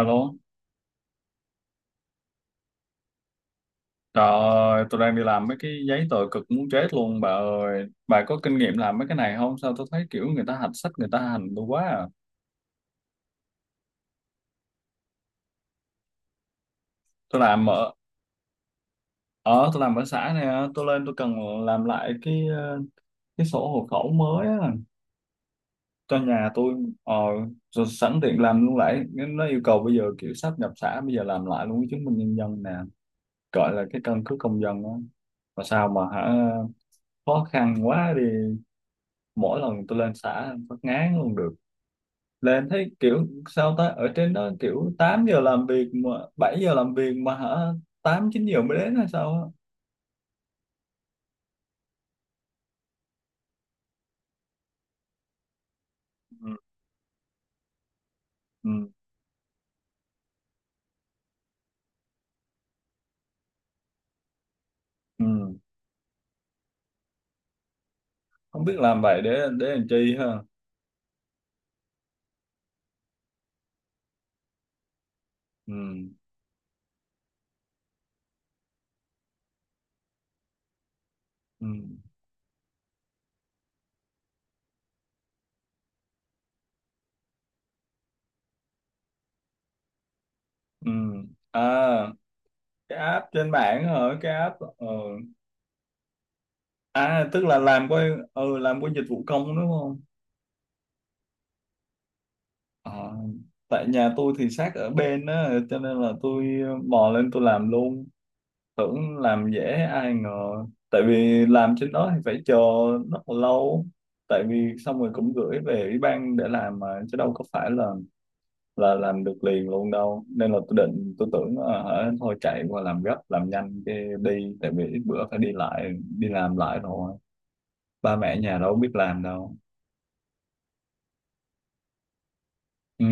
Alo, trời ơi, tôi đang đi làm mấy cái giấy tờ cực muốn chết luôn bà ơi. Bà có kinh nghiệm làm mấy cái này không? Sao tôi thấy kiểu người ta hạch sách, người ta hành tôi quá à. Tôi làm ở, ở tôi làm ở xã này, á, tôi lên tôi cần làm lại cái sổ hộ khẩu mới á, cho nhà tôi. Ờ, Rồi sẵn tiện làm luôn lại. Nó yêu cầu bây giờ kiểu sắp nhập xã, bây giờ làm lại luôn cái chứng minh nhân dân nè. Gọi là cái căn cước công dân á. Mà sao mà hả, khó khăn quá đi. Mỗi lần tôi lên xã phát ngán luôn được. Là em thấy kiểu sao ta ở trên đó kiểu 8 giờ làm việc mà 7 giờ làm việc mà hả, 8-9 giờ mới đến hay sao á? Ừ, ừ, ừ. Không biết làm vậy để làm chi ha? Ừ, ừ, ừ. À, cái app trên mạng hả? Cái app ờ. À, tức là làm qua dịch vụ công đúng không? Ờ, Tại nhà tôi thì sát ở bên á, cho nên là tôi mò lên tôi làm luôn, tưởng làm dễ, ai ngờ tại vì làm trên đó thì phải chờ rất là lâu, tại vì xong rồi cũng gửi về ủy ban để làm mà, chứ đâu có phải là làm được liền luôn đâu, nên là tôi định tôi tưởng thôi chạy qua làm gấp làm nhanh cái đi, tại vì ít bữa phải đi lại đi làm lại rồi, ba mẹ nhà đâu biết làm đâu. Ừ,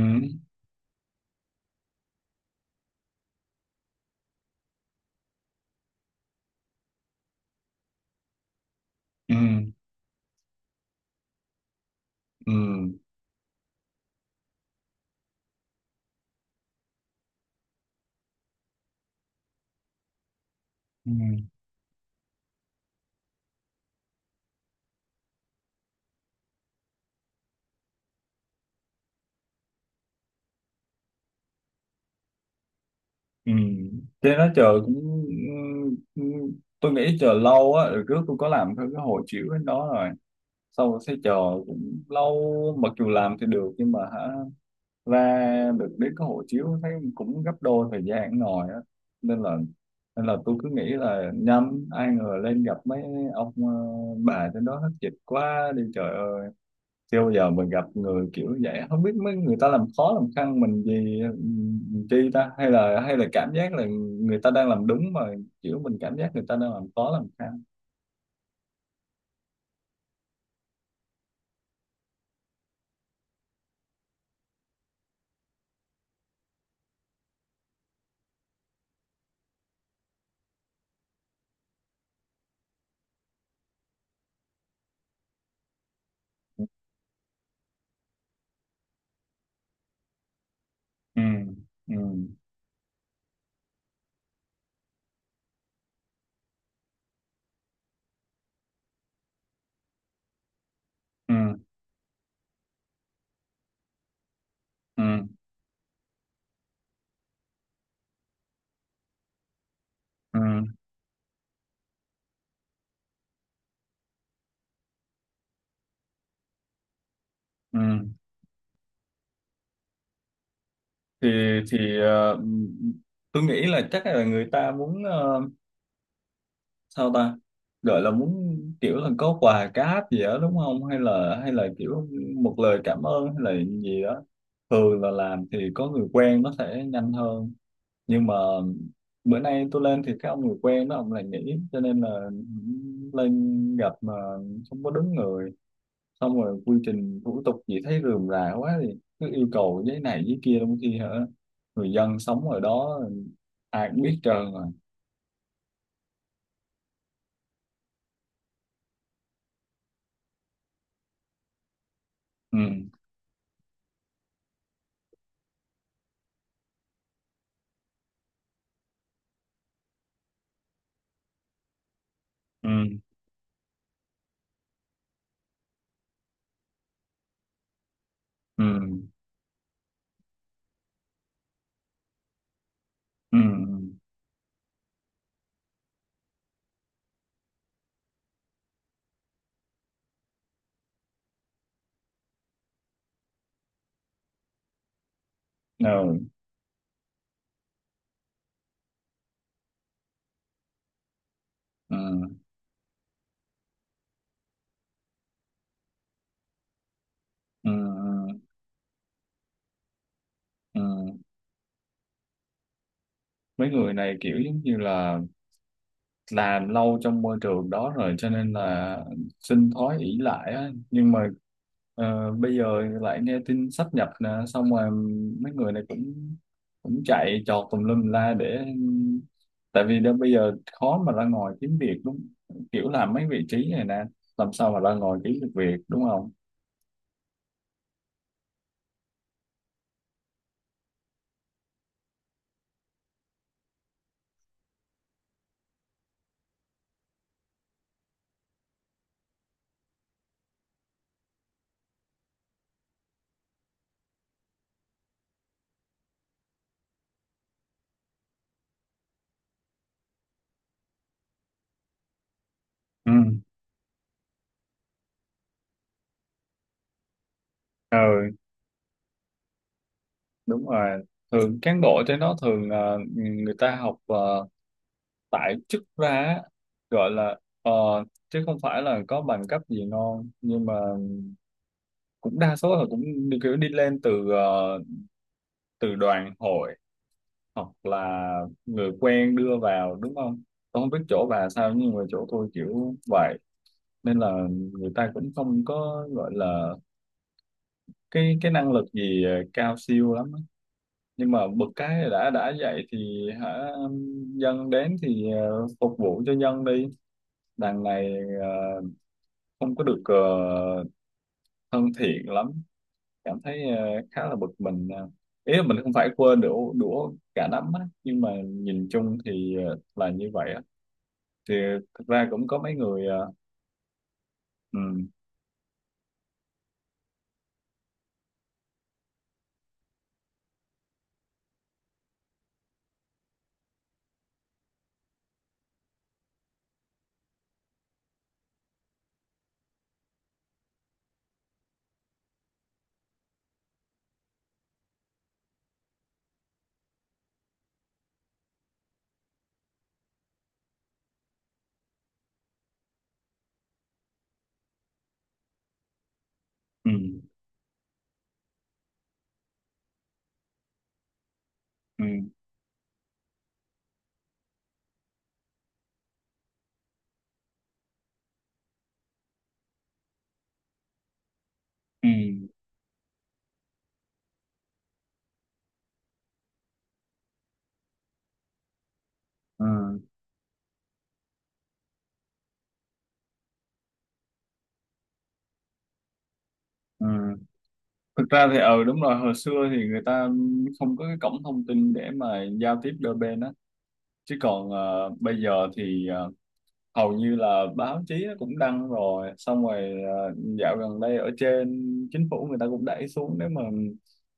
ừ, ừ, ừ, ừ. Thế nó chờ cũng, ừ, ừ. Tôi nghĩ chờ lâu á, rồi trước tôi có làm theo cái hồ chiếu đó rồi, sau rồi sẽ chờ cũng lâu, mặc dù làm thì được nhưng mà hả, ra được đến cái hộ chiếu thấy cũng gấp đôi thời gian ngồi á, nên là nên là tôi cứ nghĩ là nhầm, ai ngờ lên gặp mấy ông, bà trên đó hết dịch quá đi trời ơi. Chưa bao giờ mình gặp người kiểu vậy, không biết mấy người ta làm khó làm khăn mình gì chi ta, hay là cảm giác là người ta đang làm đúng mà, kiểu mình cảm giác người ta đang làm khó làm khăn. Ừ, ừ, ừ, ừ, ừ, ừ. thì thì ờ, tôi nghĩ là chắc là người ta muốn sao ta gọi là muốn kiểu là có quà cáp gì đó đúng không, hay là kiểu một lời cảm ơn hay là gì đó. Thường là làm thì có người quen nó sẽ nhanh hơn, nhưng mà bữa nay tôi lên thì cái ông người quen đó ông lại nghỉ, cho nên là lên gặp mà không có đúng người, xong rồi quy trình thủ tục gì thấy rườm rà quá thì cứ yêu cầu giấy này giấy kia, trong khi hả, người dân sống ở đó ai cũng biết trơn rồi. Ừ, ừ, ừ, ừ, ừ, ừ, ừ, ừ, ừ, ừ. Mấy người này kiểu giống như là làm lâu trong môi trường đó rồi cho nên là sinh thói ỷ lại á, nhưng mà bây giờ lại nghe tin sáp nhập nè, xong rồi mấy người này cũng cũng chạy trọt tùm lum la để, tại vì đó bây giờ khó mà ra ngoài kiếm việc đúng, kiểu làm mấy vị trí này nè làm sao mà ra ngoài kiếm được việc đúng không? Ừ, ừ. Đúng rồi, thường cán bộ trên đó thường người ta học tại chức ra á, gọi là chứ không phải là có bằng cấp gì ngon, nhưng mà cũng đa số là cũng đi, kiểu đi lên từ từ đoàn hội, hoặc là người quen đưa vào đúng không? Tôi không biết chỗ bà sao nhưng mà chỗ tôi kiểu vậy, nên là người ta cũng không có gọi là cái năng lực gì cao siêu lắm á. Nhưng mà bực cái đã vậy thì hả, dân đến thì phục vụ cho dân đi, đằng này ờ, không có được thân thiện lắm, cảm thấy khá là bực mình ờ. Ý là mình không phải quên đũa đũa cả nắm á, nhưng mà nhìn chung thì là như vậy á, thì thực ra cũng có mấy người ừ, ừ, ừ, ừ, ừ, ừ. Thực ra thì ừ đúng rồi, hồi xưa thì người ta không có cái cổng thông tin để mà giao tiếp đôi bên á, chứ còn bây giờ thì hầu như là báo chí nó cũng đăng rồi, xong rồi dạo gần đây ở trên chính phủ người ta cũng đẩy xuống, nếu mà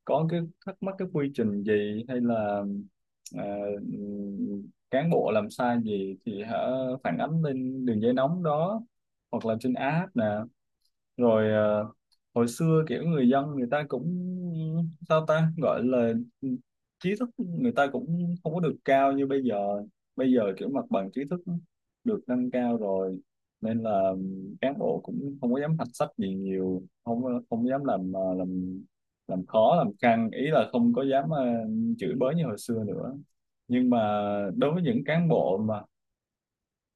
có cái thắc mắc cái quy trình gì hay là ờ, cán bộ làm sai gì thì hả, phản ánh lên đường dây nóng đó hoặc là trên app nè. Rồi hồi xưa kiểu người dân người ta cũng sao ta gọi là trí thức người ta cũng không có được cao như bây giờ, bây giờ kiểu mặt bằng trí thức được nâng cao rồi, nên là cán bộ cũng không có dám hạch sách gì nhiều, không không dám làm làm khó làm căng, ý là không có dám chửi bới như hồi xưa nữa, nhưng mà đối với những cán bộ mà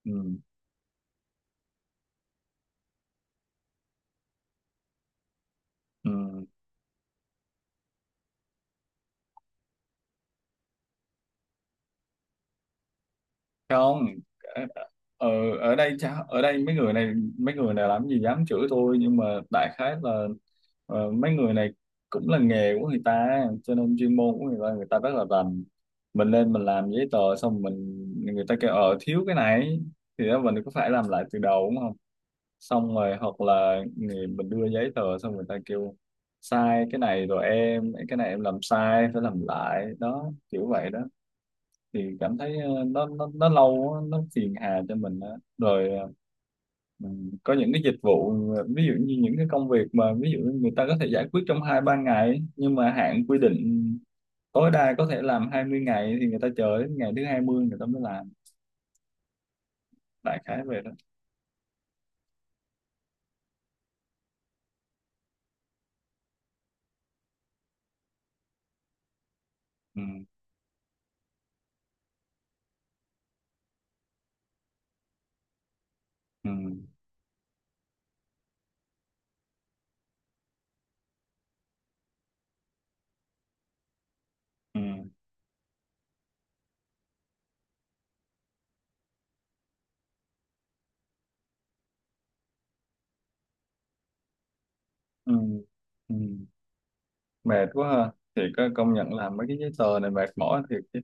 ừ, ừ. Không, ở ở đây cha, ở đây mấy người này làm gì dám chửi tôi, nhưng mà đại khái là mấy người này cũng là nghề của người ta cho nên chuyên môn của người ta rất là rành. Mình lên mình làm giấy tờ xong mình, người ta kêu thiếu cái này thì đó mình có phải làm lại từ đầu đúng không? Xong rồi hoặc là người, mình đưa giấy tờ xong người ta kêu sai cái này rồi, em cái này em làm sai phải làm lại đó, kiểu vậy đó thì cảm thấy nó lâu á, nó phiền hà cho mình á. Rồi mình có những cái dịch vụ ví dụ như những cái công việc mà ví dụ người ta có thể giải quyết trong 2-3 ngày, nhưng mà hạn quy định tối đa có thể làm 20 ngày thì người ta chờ đến ngày thứ 20 người ta mới làm, đại khái về đó. Ừ, ừ, ừ, ừ, ừ. Mệt quá ha, thì có công nhận làm mấy cái giấy tờ này mệt mỏi thiệt chứ.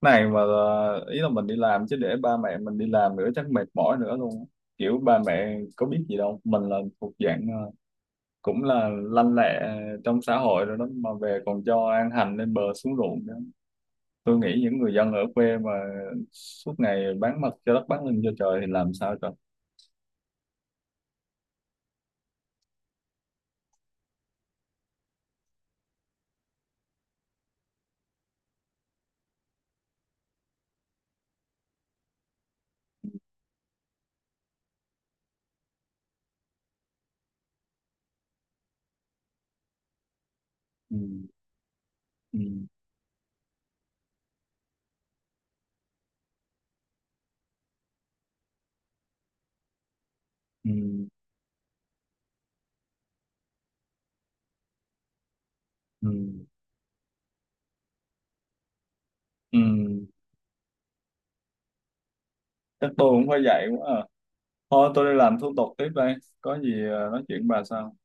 Này mà ý là mình đi làm chứ để ba mẹ mình đi làm nữa chắc mệt mỏi nữa luôn. Kiểu ba mẹ có biết gì đâu, mình là thuộc dạng cũng là lanh lẹ trong xã hội rồi đó mà về còn cho ăn hành lên bờ xuống ruộng nữa. Tôi nghĩ những người dân ở quê mà suốt ngày bán mặt cho đất bán lưng cho trời thì làm sao trời. Ừ, ừ, ừ, ừ, ừ. Chắc tôi cũng phải dạy quá à. Thôi tôi đi làm thủ tục tiếp đây, có gì nói chuyện bà sau.